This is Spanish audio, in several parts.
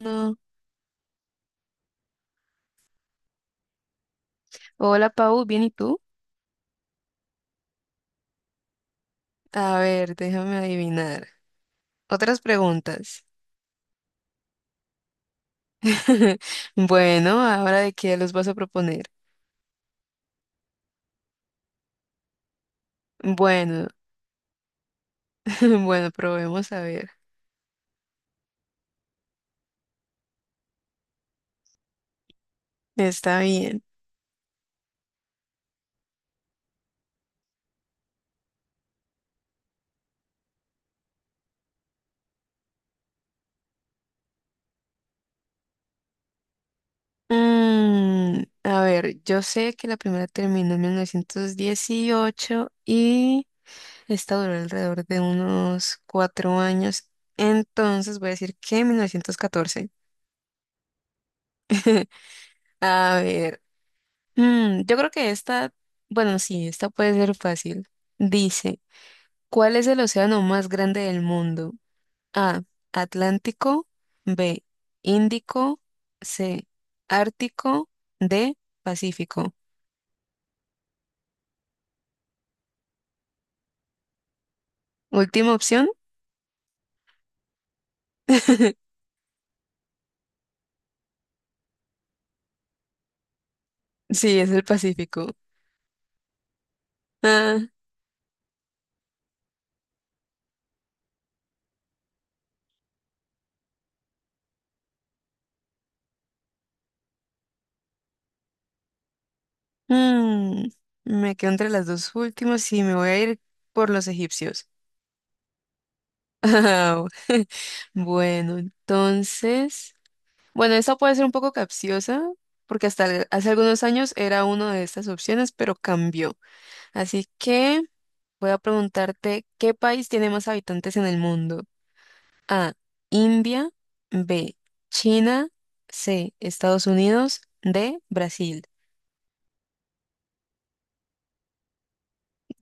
No. Hola, Pau, ¿bien y tú? A ver, déjame adivinar. Otras preguntas. Bueno, ¿ahora de qué los vas a proponer? Bueno, bueno, probemos a ver. Está bien. A ver, yo sé que la primera terminó en 1918 y esta duró alrededor de unos 4 años. Entonces voy a decir que 1914. A ver. Yo creo que esta, bueno, sí, esta puede ser fácil. Dice, ¿cuál es el océano más grande del mundo? A, Atlántico, B, Índico, C, Ártico, D, Pacífico. Última opción. Sí, es el Pacífico. Ah, mm, me quedo entre las dos últimas y me voy a ir por los egipcios. Bueno, entonces... Bueno, esta puede ser un poco capciosa, porque hace algunos años era una de estas opciones, pero cambió. Así que voy a preguntarte, ¿qué país tiene más habitantes en el mundo? A, India, B, China, C, Estados Unidos, D, Brasil.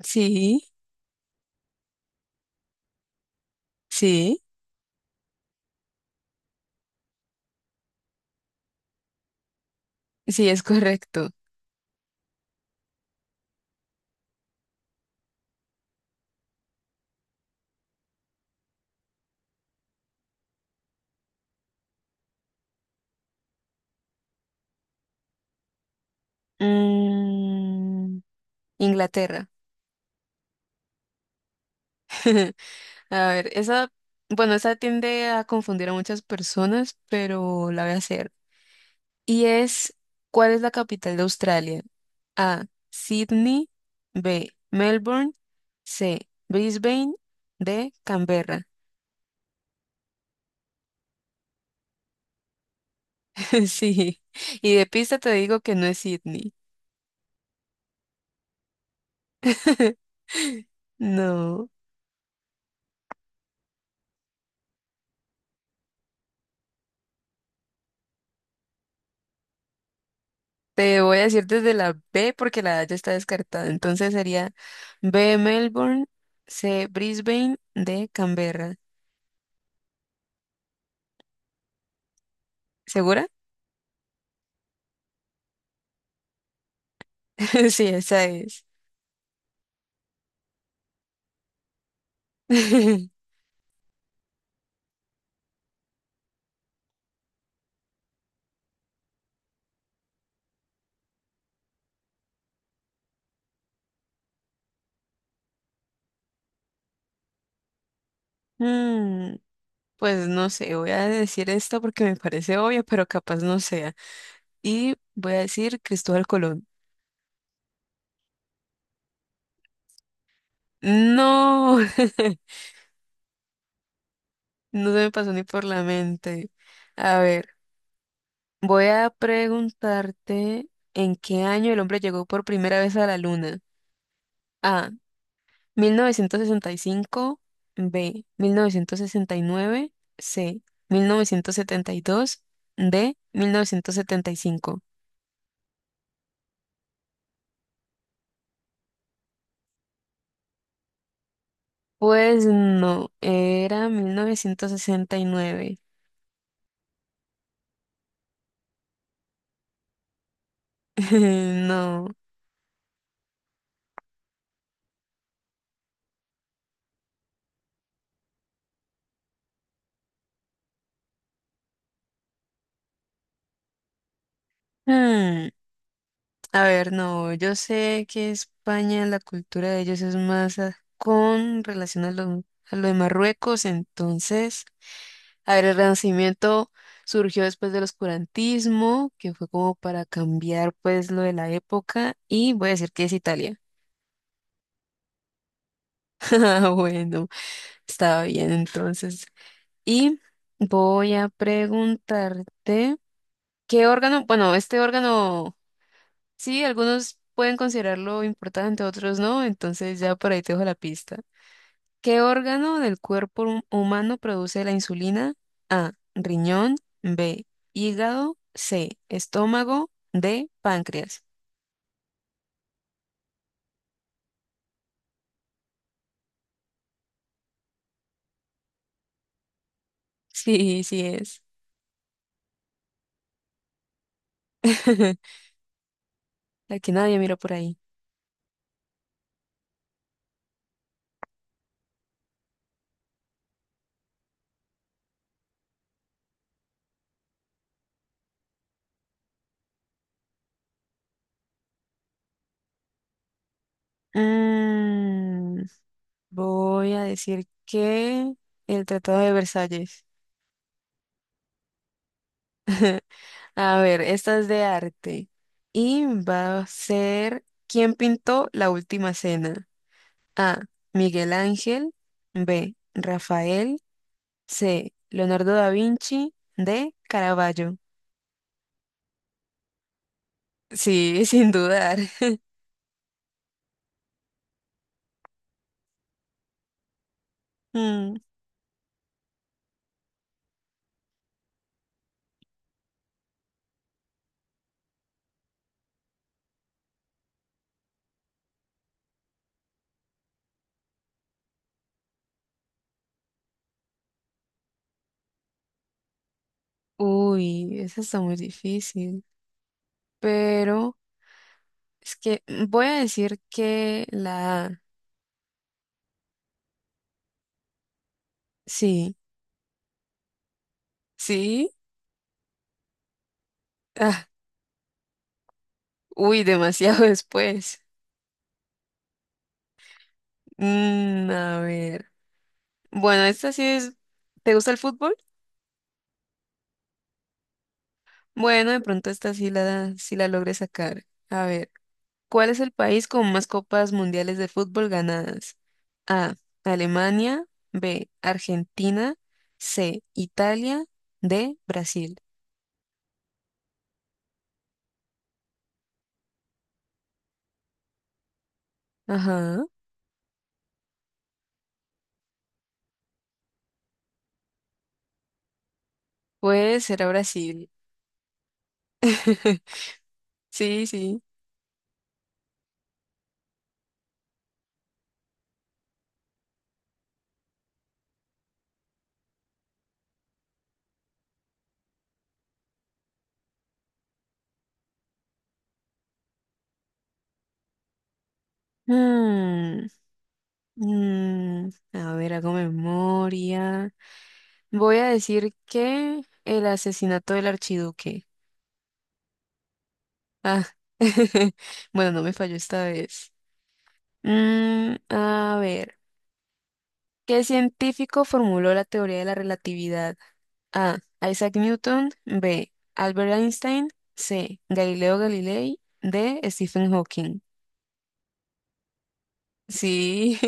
Sí, sí, sí, es correcto. Mm, Inglaterra. A ver, esa, bueno, esa tiende a confundir a muchas personas, pero la voy a hacer. Y es, ¿cuál es la capital de Australia? A. Sydney. B. Melbourne. C. Brisbane. D. Canberra. Sí. Y de pista te digo que no es Sydney. No. Te voy a decir desde la B porque la A ya está descartada. Entonces sería B. Melbourne. C. Brisbane. D. Canberra. ¿Segura? Sí, esa es. Mm, Pues no sé, voy a decir esto porque me parece obvio, pero capaz no sea. Y voy a decir Cristóbal Colón. No, no se me pasó ni por la mente. A ver, voy a preguntarte en qué año el hombre llegó por primera vez a la luna. A, 1965, B, 1969, C, 1972, D, 1975. Pues no, era 1969. No. Hmm, A ver, no, yo sé que España, la cultura de ellos es más con relación a lo de Marruecos, entonces, a ver, el Renacimiento surgió después del oscurantismo, que fue como para cambiar pues lo de la época, y voy a decir que es Italia. Ah, bueno, estaba bien entonces. Y voy a preguntarte. ¿Qué órgano? Bueno, este órgano, sí, algunos pueden considerarlo importante, otros no, entonces ya por ahí te dejo la pista. ¿Qué órgano del cuerpo humano produce la insulina? A, riñón, B, hígado, C, estómago, D, páncreas. Sí, sí es. Aquí nadie mira por ahí. Mm, Voy a decir que el Tratado de Versalles. A ver, esta es de arte. Y va a ser, ¿quién pintó la última cena? A. Miguel Ángel. B. Rafael. C. Leonardo da Vinci. D. Caravaggio. Sí, sin dudar. Mm, uy, esa está muy difícil. Pero es que voy a decir que la A. Sí, sí. Ah, uy, demasiado después. A ver. Bueno, esta sí es. ¿Te gusta el fútbol? Bueno, de pronto esta sí la, sí la logré sacar. A ver, ¿cuál es el país con más copas mundiales de fútbol ganadas? A. Alemania. B. Argentina. C. Italia. D. Brasil. Ajá. Pues será Brasil. Sí, sí. Mm, a ver, hago memoria. Voy a decir que el asesinato del archiduque. Ah, bueno, no me falló esta vez. A ver, ¿qué científico formuló la teoría de la relatividad? A. Isaac Newton. B. Albert Einstein. C. Galileo Galilei. D. Stephen Hawking. Sí.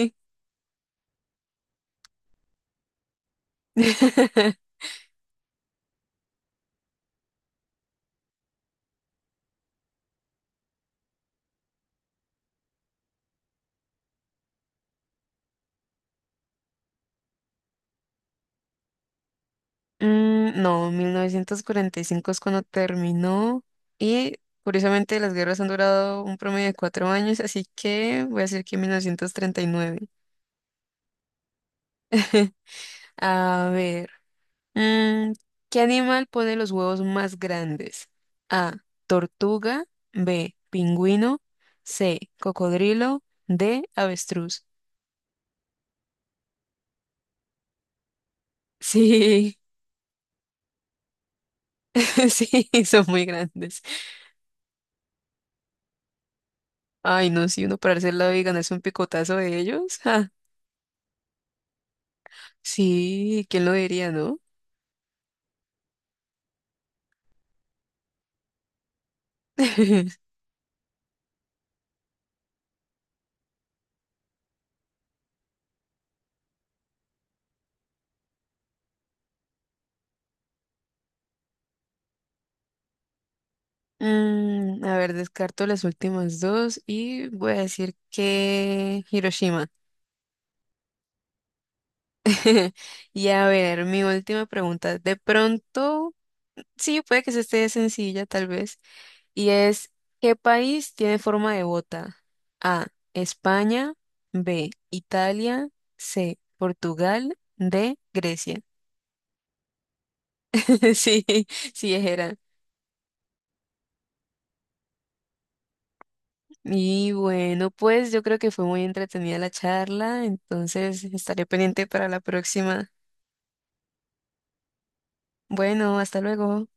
Mm, no, 1945 es cuando terminó y curiosamente las guerras han durado un promedio de 4 años, así que voy a decir que 1939. A ver. Mm, ¿Qué animal pone los huevos más grandes? A, tortuga, B, pingüino, C, cocodrilo, D, avestruz. Sí, sí, son muy grandes. Ay, no, si uno para hacer la y ganarse un picotazo de ellos. Ja. Sí, ¿quién lo diría, no? Mm, a ver, descarto las últimas dos y voy a decir que Hiroshima. Y a ver, mi última pregunta. De pronto... Sí, puede que se esté sencilla, tal vez. Y es, ¿qué país tiene forma de bota? A, España, B, Italia, C, Portugal, D, Grecia. Sí, sí, era. Y bueno, pues yo creo que fue muy entretenida la charla, entonces estaré pendiente para la próxima. Bueno, hasta luego.